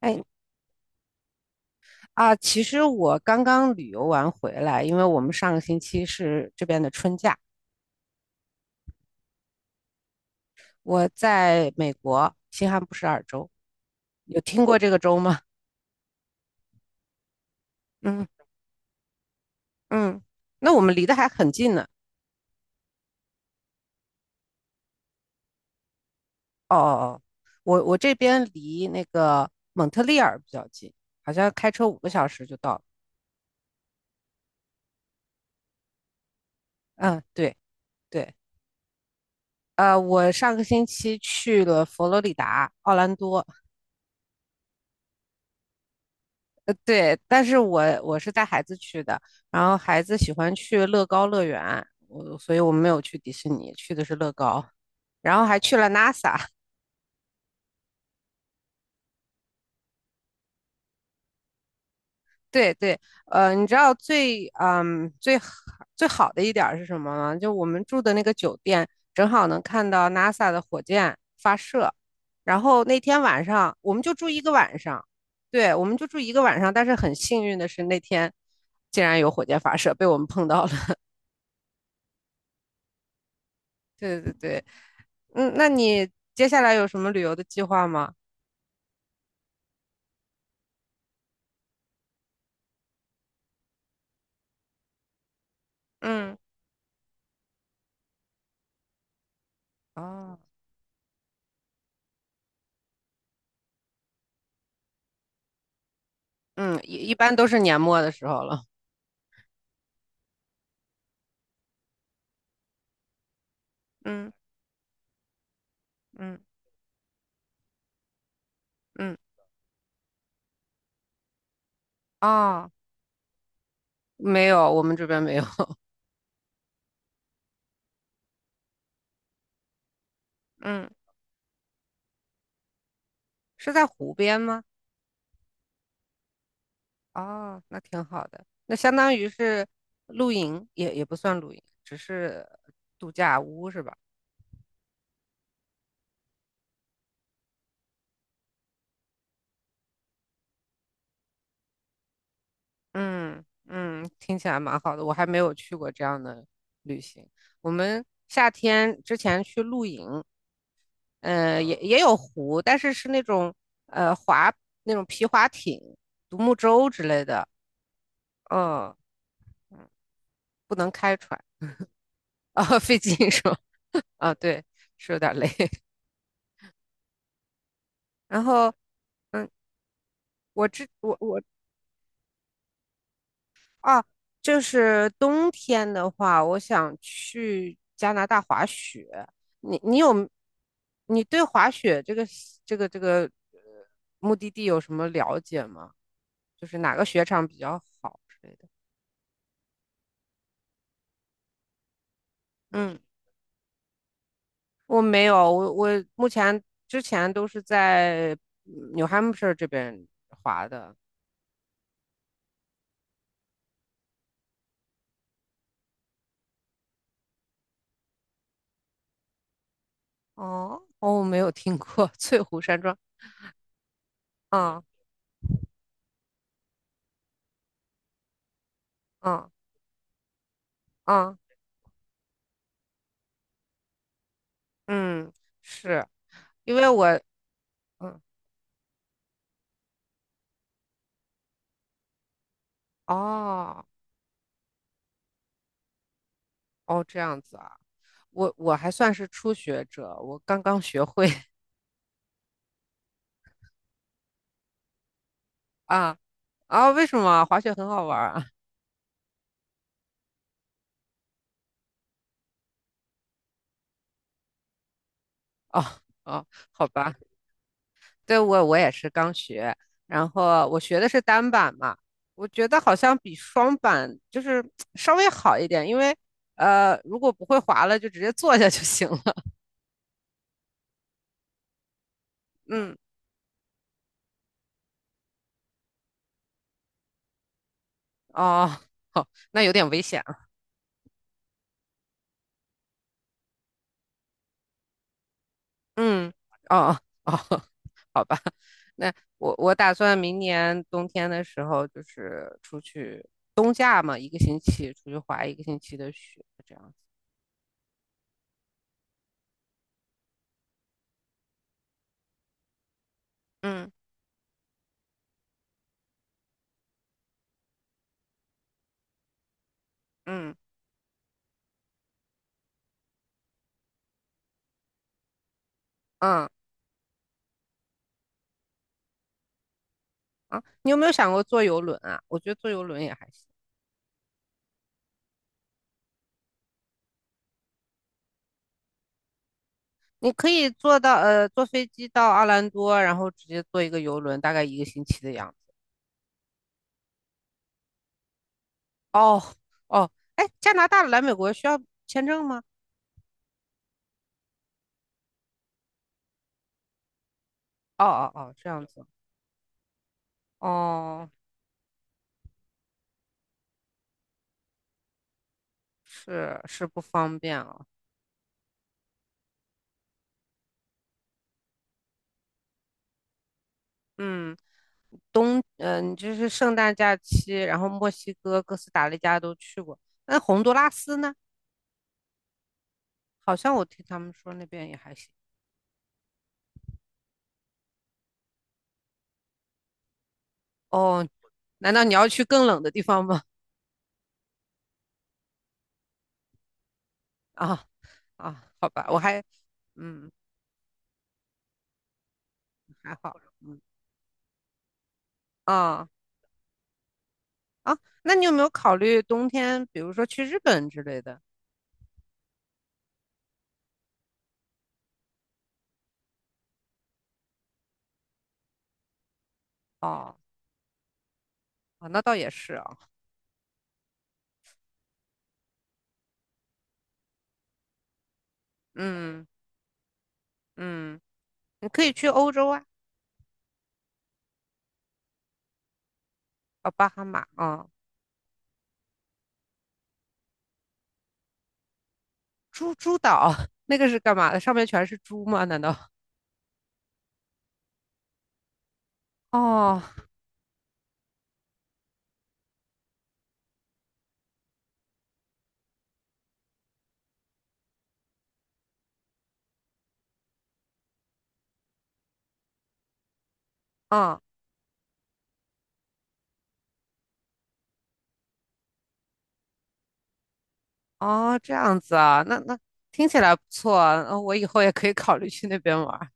哎啊，其实我刚刚旅游完回来，因为我们上个星期是这边的春假。我在美国新罕布什尔州，有听过这个州吗？嗯嗯，那我们离得还很近呢。哦哦哦，我这边离那个蒙特利尔比较近，好像开车5个小时就到了。嗯，对对，我上个星期去了佛罗里达奥兰多。对，但是我是带孩子去的，然后孩子喜欢去乐高乐园，所以我们没有去迪士尼，去的是乐高，然后还去了 NASA 对对，你知道最好的一点儿是什么吗？就我们住的那个酒店，正好能看到 NASA 的火箭发射，然后那天晚上我们就住一个晚上。对，我们就住一个晚上，但是很幸运的是那天竟然有火箭发射，被我们碰到了。对对对。嗯，那你接下来有什么旅游的计划吗？嗯，哦。嗯，一般都是年末的时候了。嗯嗯嗯，哦，没有，我们这边没有。嗯，是在湖边吗？哦，那挺好的，那相当于是露营，也不算露营，只是度假屋是吧？嗯嗯，听起来蛮好的，我还没有去过这样的旅行。我们夏天之前去露营，也有湖，但是是那种呃滑那种皮划艇、独木舟之类的。嗯，不能开船啊，费劲是吧？啊，对，是有点累。然后，嗯，我这我我啊，就是冬天的话，我想去加拿大滑雪。你你有你对滑雪这个呃目的地有什么了解吗？就是哪个雪场比较好之类的？嗯。我没有，我目前之前都是在New Hampshire 这边滑的。哦哦，我没有听过翠湖山庄。嗯嗯嗯嗯。是因为我。嗯，哦哦，这样子啊。我还算是初学者，我刚刚学会。 啊啊，为什么滑雪很好玩儿啊？哦哦，好吧。对，我也是刚学，然后我学的是单板嘛，我觉得好像比双板就是 稍微好一点，因为如果不会滑了，就直接坐下就行了。嗯，哦，好，那有点危险啊。嗯，哦哦，好吧，那我打算明年冬天的时候就是出去。冬假嘛，一个星期出去滑一个星期的雪，这样子。嗯嗯。嗯，啊，你有没有想过坐游轮啊？我觉得坐游轮也还行，你可以坐飞机到奥兰多，然后直接坐一个游轮，大概一个星期的样子。哦哦。哎，加拿大来美国需要签证吗？哦哦哦，这样子。哦，是不方便哦。嗯，你就是圣诞假期，然后墨西哥、哥斯达黎加都去过，那洪都拉斯呢？好像我听他们说那边也还行。哦，难道你要去更冷的地方吗？啊啊，好吧，我还嗯还好。嗯，啊啊，那你有没有考虑冬天，比如说去日本之类的？哦，啊，那倒也是啊。嗯嗯，你可以去欧洲啊。啊，巴哈马啊，猪猪岛 那个是干嘛的？上面全是猪吗？难道？哦，啊，哦，这样子啊，那听起来不错啊。我以后也可以考虑去那边玩儿。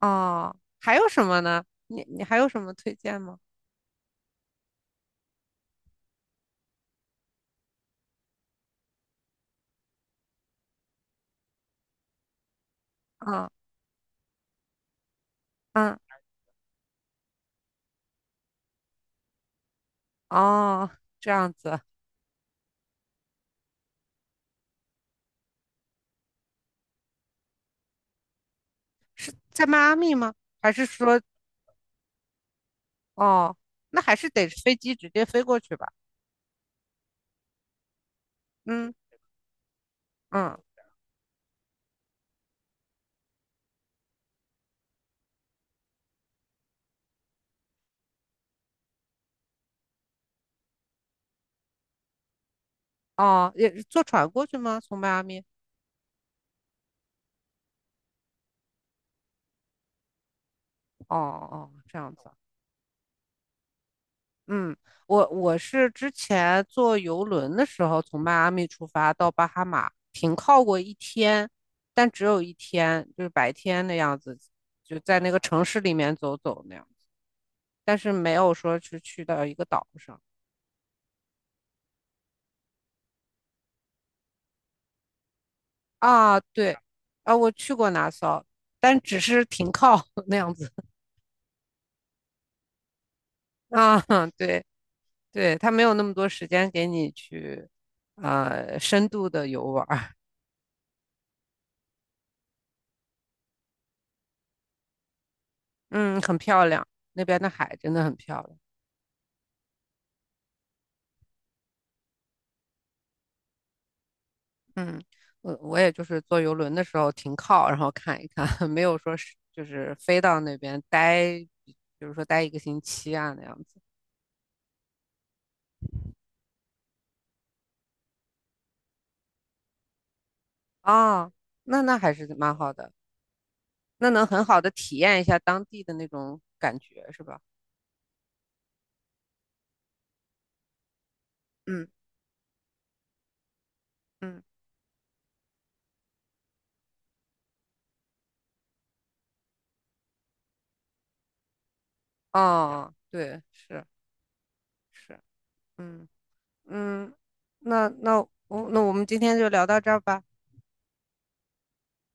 哦，还有什么呢？你还有什么推荐吗？啊啊。嗯，哦，这样子。在迈阿密吗？还是说，哦，那还是得飞机直接飞过去吧？嗯嗯。哦，也是坐船过去吗？从迈阿密？哦哦，这样子。嗯，我是之前坐游轮的时候，从迈阿密出发到巴哈马，停靠过一天，但只有一天，就是白天的样子，就在那个城市里面走走那样，但是没有说是去到一个岛上。啊，对，啊，我去过拿骚，但只是停靠。 那样子啊，对对，他没有那么多时间给你去，深度的游玩儿。 嗯，很漂亮，那边的海真的很漂亮。嗯，我也就是坐游轮的时候停靠，然后看一看。没有说是就是飞到那边待，比如说待一个星期啊那样子。啊，那还是蛮好的，那能很好的体验一下当地的那种感觉，是吧？嗯。嗯，啊，对，是是，嗯嗯，那那那我们今天就聊到这儿吧。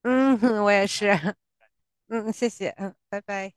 嗯，我也是。嗯，谢谢。嗯，拜拜。